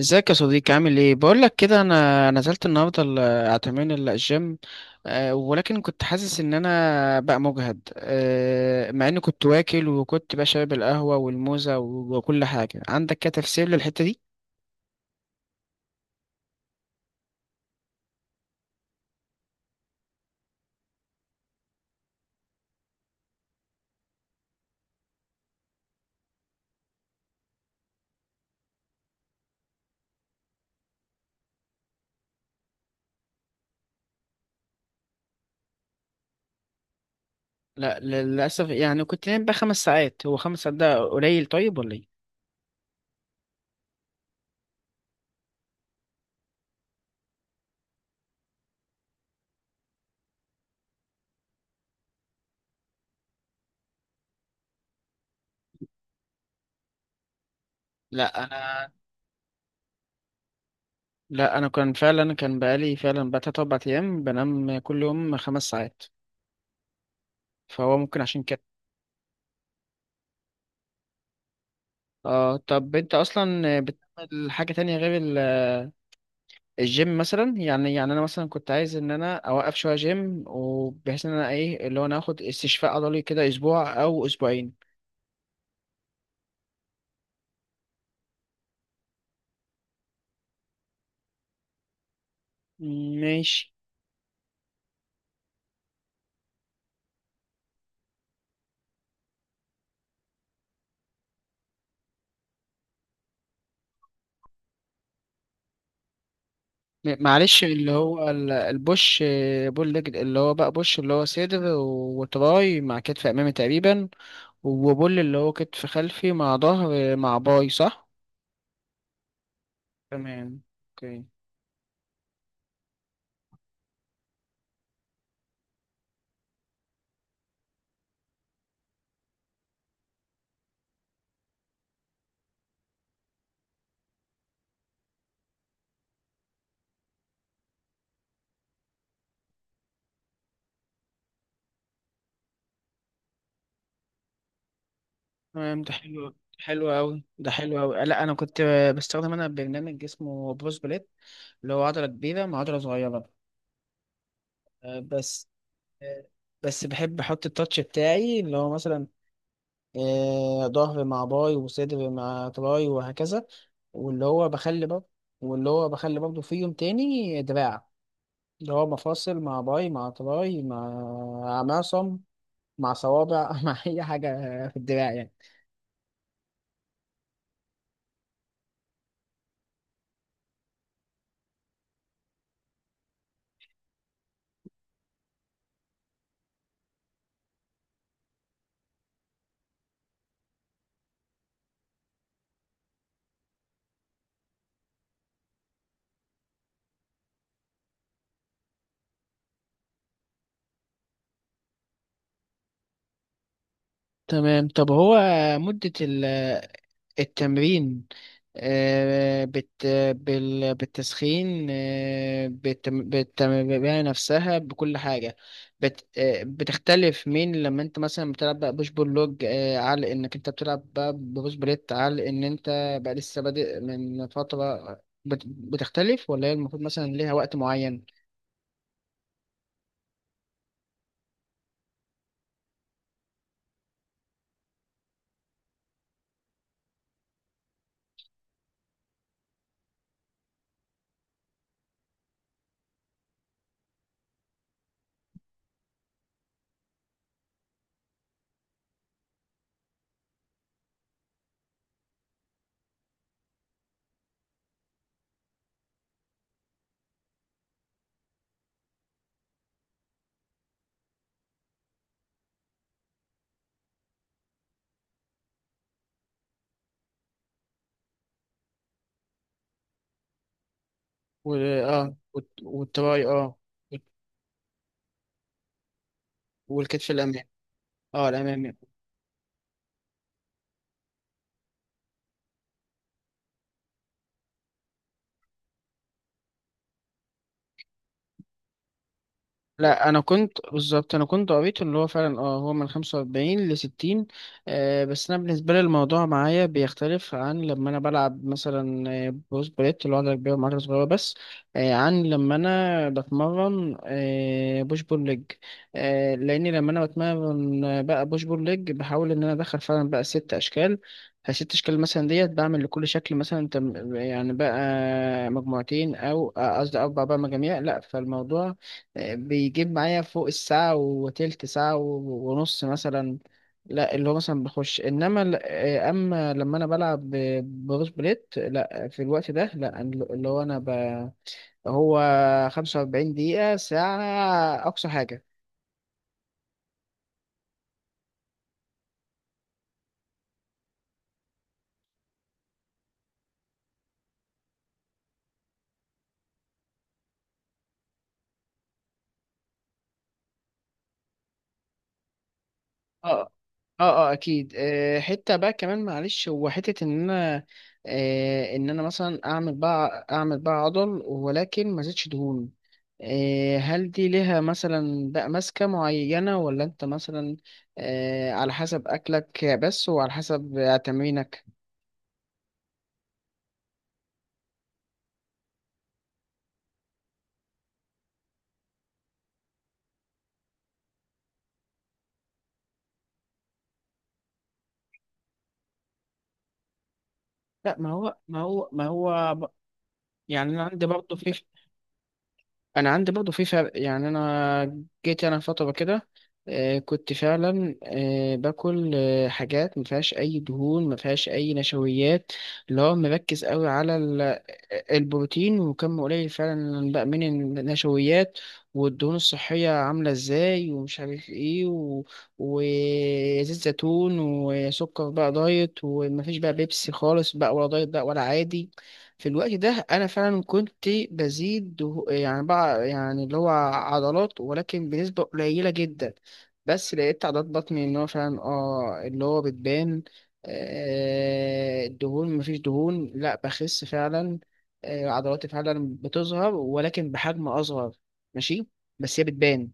ازيك يا صديقي، عامل ايه؟ بقول لك كده، انا نزلت النهارده اعتمين الجيم. ولكن كنت حاسس ان انا بقى مجهد، مع اني كنت واكل وكنت بقى شارب القهوه والموزه وكل حاجه. عندك كده تفسير للحته دي؟ لا للاسف، يعني كنت نايم بقى خمس ساعات. هو خمس ساعات ده قليل طيب ولا ايه؟ لا انا لا انا كان فعلا، كان بقالي فعلا بقى تلات اربع ايام بنام كل يوم خمس ساعات، فهو ممكن عشان كده. اه، طب انت اصلا حاجة تانية غير الجيم مثلا؟ يعني انا مثلا كنت عايز ان انا اوقف شويه جيم، وبحيث ان انا ايه اللي هو انا اخد استشفاء عضلي كده اسبوع او اسبوعين. ماشي. معلش، اللي هو البوش بول ليج، اللي هو بقى بوش اللي هو صدر وتراي مع كتف امامي تقريبا، وبول اللي هو كتف خلفي مع ظهر مع باي، صح؟ تمام. اوكي. تمام، ده حلو، حلو قوي، ده حلو قوي. لا انا كنت بستخدم انا برنامج اسمه بروس بليت، اللي هو عضلة كبيرة مع عضلة صغيرة. آه، بس آه، بس بحب احط التاتش بتاعي، اللي هو مثلا ظهر مع باي، وصدر مع تراي، وهكذا. واللي هو بخلي برضه واللي هو بخلي برضه في يوم تاني دراع، اللي هو مفاصل مع باي مع تراي مع معصم مع صوابع مع اي حاجة في الدراع يعني. تمام. طب هو مدة التمرين، آه، بت بالتسخين، بالتمرين نفسها، بكل حاجة، بت آه، بتختلف من لما انت مثلا بتلعب بقى بوش بول لوج، على انك انت بتلعب بقى بوش بليت، على ان انت بقى لسه بادئ من فترة؟ بتختلف ولا هي المفروض مثلا ليها وقت معين؟ والتراي، اه. والكتف الأمامي. اه، الأمامي. لا انا كنت بالظبط، انا كنت قريت ان هو فعلا اه، هو من 45 ل 60. آه، بس انا بالنسبه لي الموضوع معايا بيختلف عن لما انا بلعب مثلا، بروس بليت اللي هو عضله كبيره وعضله صغيره بس، آه، عن لما انا بتمرن بوش بول ليج. آه، لاني لما انا بتمرن، بقى بوش بول ليج، بحاول ان انا ادخل فعلا بقى ست اشكال. فست اشكال مثلا ديت بعمل لكل شكل مثلا يعني بقى مجموعتين او قصدي اربع بقى مجاميع، لا فالموضوع بيجيب معايا فوق الساعة وتلت ساعة ونص مثلا. لا اللي هو مثلا بخش، انما اما لما انا بلعب بروس بليت، لا في الوقت ده لا، اللي هو انا هو 45 دقيقة، ساعة اقصى حاجة. اه اه اه، اكيد. آه، حته بقى كمان معلش، هو حته ان انا، ان انا مثلا اعمل بقى، اعمل بقى عضل ولكن ما زيدش دهون، آه، هل دي ليها مثلا بقى ماسكه معينه، ولا انت مثلا على حسب اكلك بس وعلى حسب تمرينك؟ لا ما هو يعني انا عندي برضه في، انا عندي برضه في فرق. يعني انا جيت انا فتره كده، كنت فعلا باكل حاجات ما فيهاش اي دهون، ما فيهاش اي نشويات، اللي هو مركز قوي على البروتين، وكم قليل فعلا بقى من النشويات والدهون الصحيه، عامله ازاي ومش عارف ايه وزيت زيتون، وسكر بقى دايت، ومفيش بقى بيبسي خالص بقى، ولا دايت بقى ولا عادي. في الوقت ده انا فعلا كنت بزيد يعني بقى يعني اللي هو عضلات، ولكن بنسبة قليلة جدا. بس لقيت عضلات بطني ان هو فعلا اه اللي هو بتبان، آه، الدهون مفيش دهون، لا بخس فعلا، آه، عضلاتي فعلا بتظهر ولكن بحجم اصغر. ماشي، بس هي بتبان.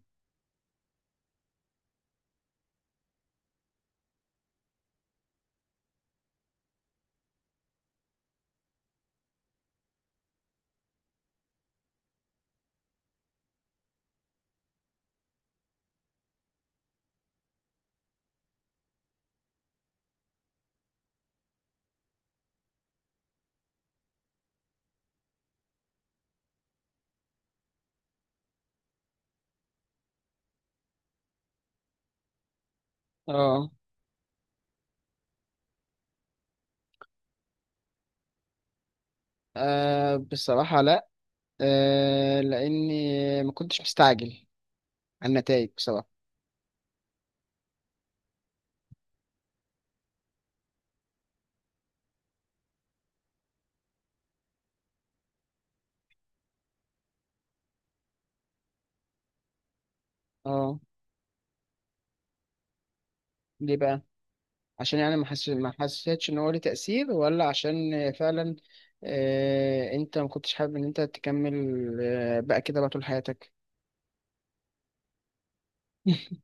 اه. آه، بصراحة لا، آه، لاني ما كنتش مستعجل على النتائج بصراحة. اه، ليه بقى؟ عشان يعني ما حسيتش ان هو ليه تأثير، ولا عشان فعلا آه، انت ما كنتش حابب ان انت تكمل آه بقى كده بقى طول حياتك؟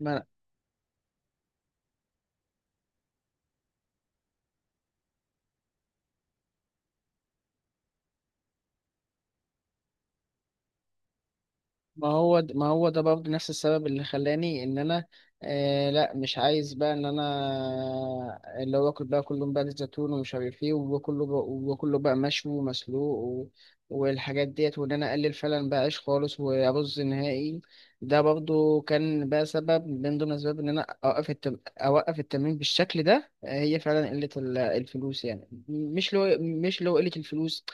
ما ما هو ده برضه نفس السبب اللي خلاني ان انا، آه، لا مش عايز بقى ان انا، اللي هو اكل بقى كله بقى زيت زيتون ومش عارف ايه، وكله بقى، وكله بقى مشوي ومسلوق والحاجات ديت، وان انا اقلل فعلا بقى عيش خالص وارز نهائي. ده برضه كان بقى سبب من ضمن الاسباب ان انا اوقف التمرين بالشكل ده. آه، هي فعلا قلة الفلوس، يعني مش لو قلة الفلوس،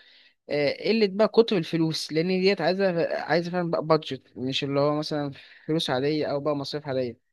آه، قلة بقى، كتر الفلوس، لأن ديت عايزة فعلا بقى بادجت، مش اللي هو مثلا فلوس عادية أو بقى مصاريف عادية.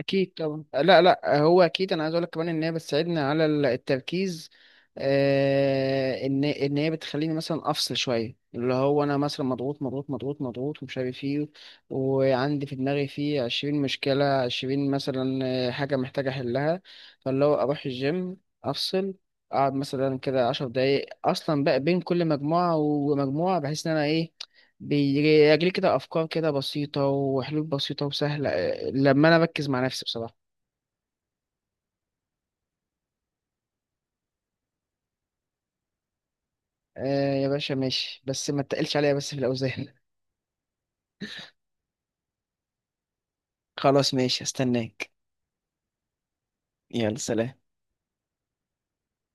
اكيد طبعا. لا لا هو اكيد، انا عايز اقول لك كمان ان هي بتساعدني على التركيز، آه، ان هي بتخليني مثلا افصل شويه، اللي هو انا مثلا مضغوط مضغوط ومش عارف ايه، وعندي في دماغي فيه 20 مشكله، 20 مثلا حاجه محتاجه احلها، فاللي هو اروح الجيم، افصل، اقعد مثلا كده 10 دقايق اصلا بقى بين كل مجموعه ومجموعه، بحيث ان انا ايه، بيجيلي كده أفكار كده بسيطة وحلول بسيطة وسهلة، آه، لما أنا بركز مع نفسي بصراحة. آه يا باشا، ماشي، بس ما تقلش عليا بس في الأوزان. خلاص ماشي، هستناك. يلا سلام.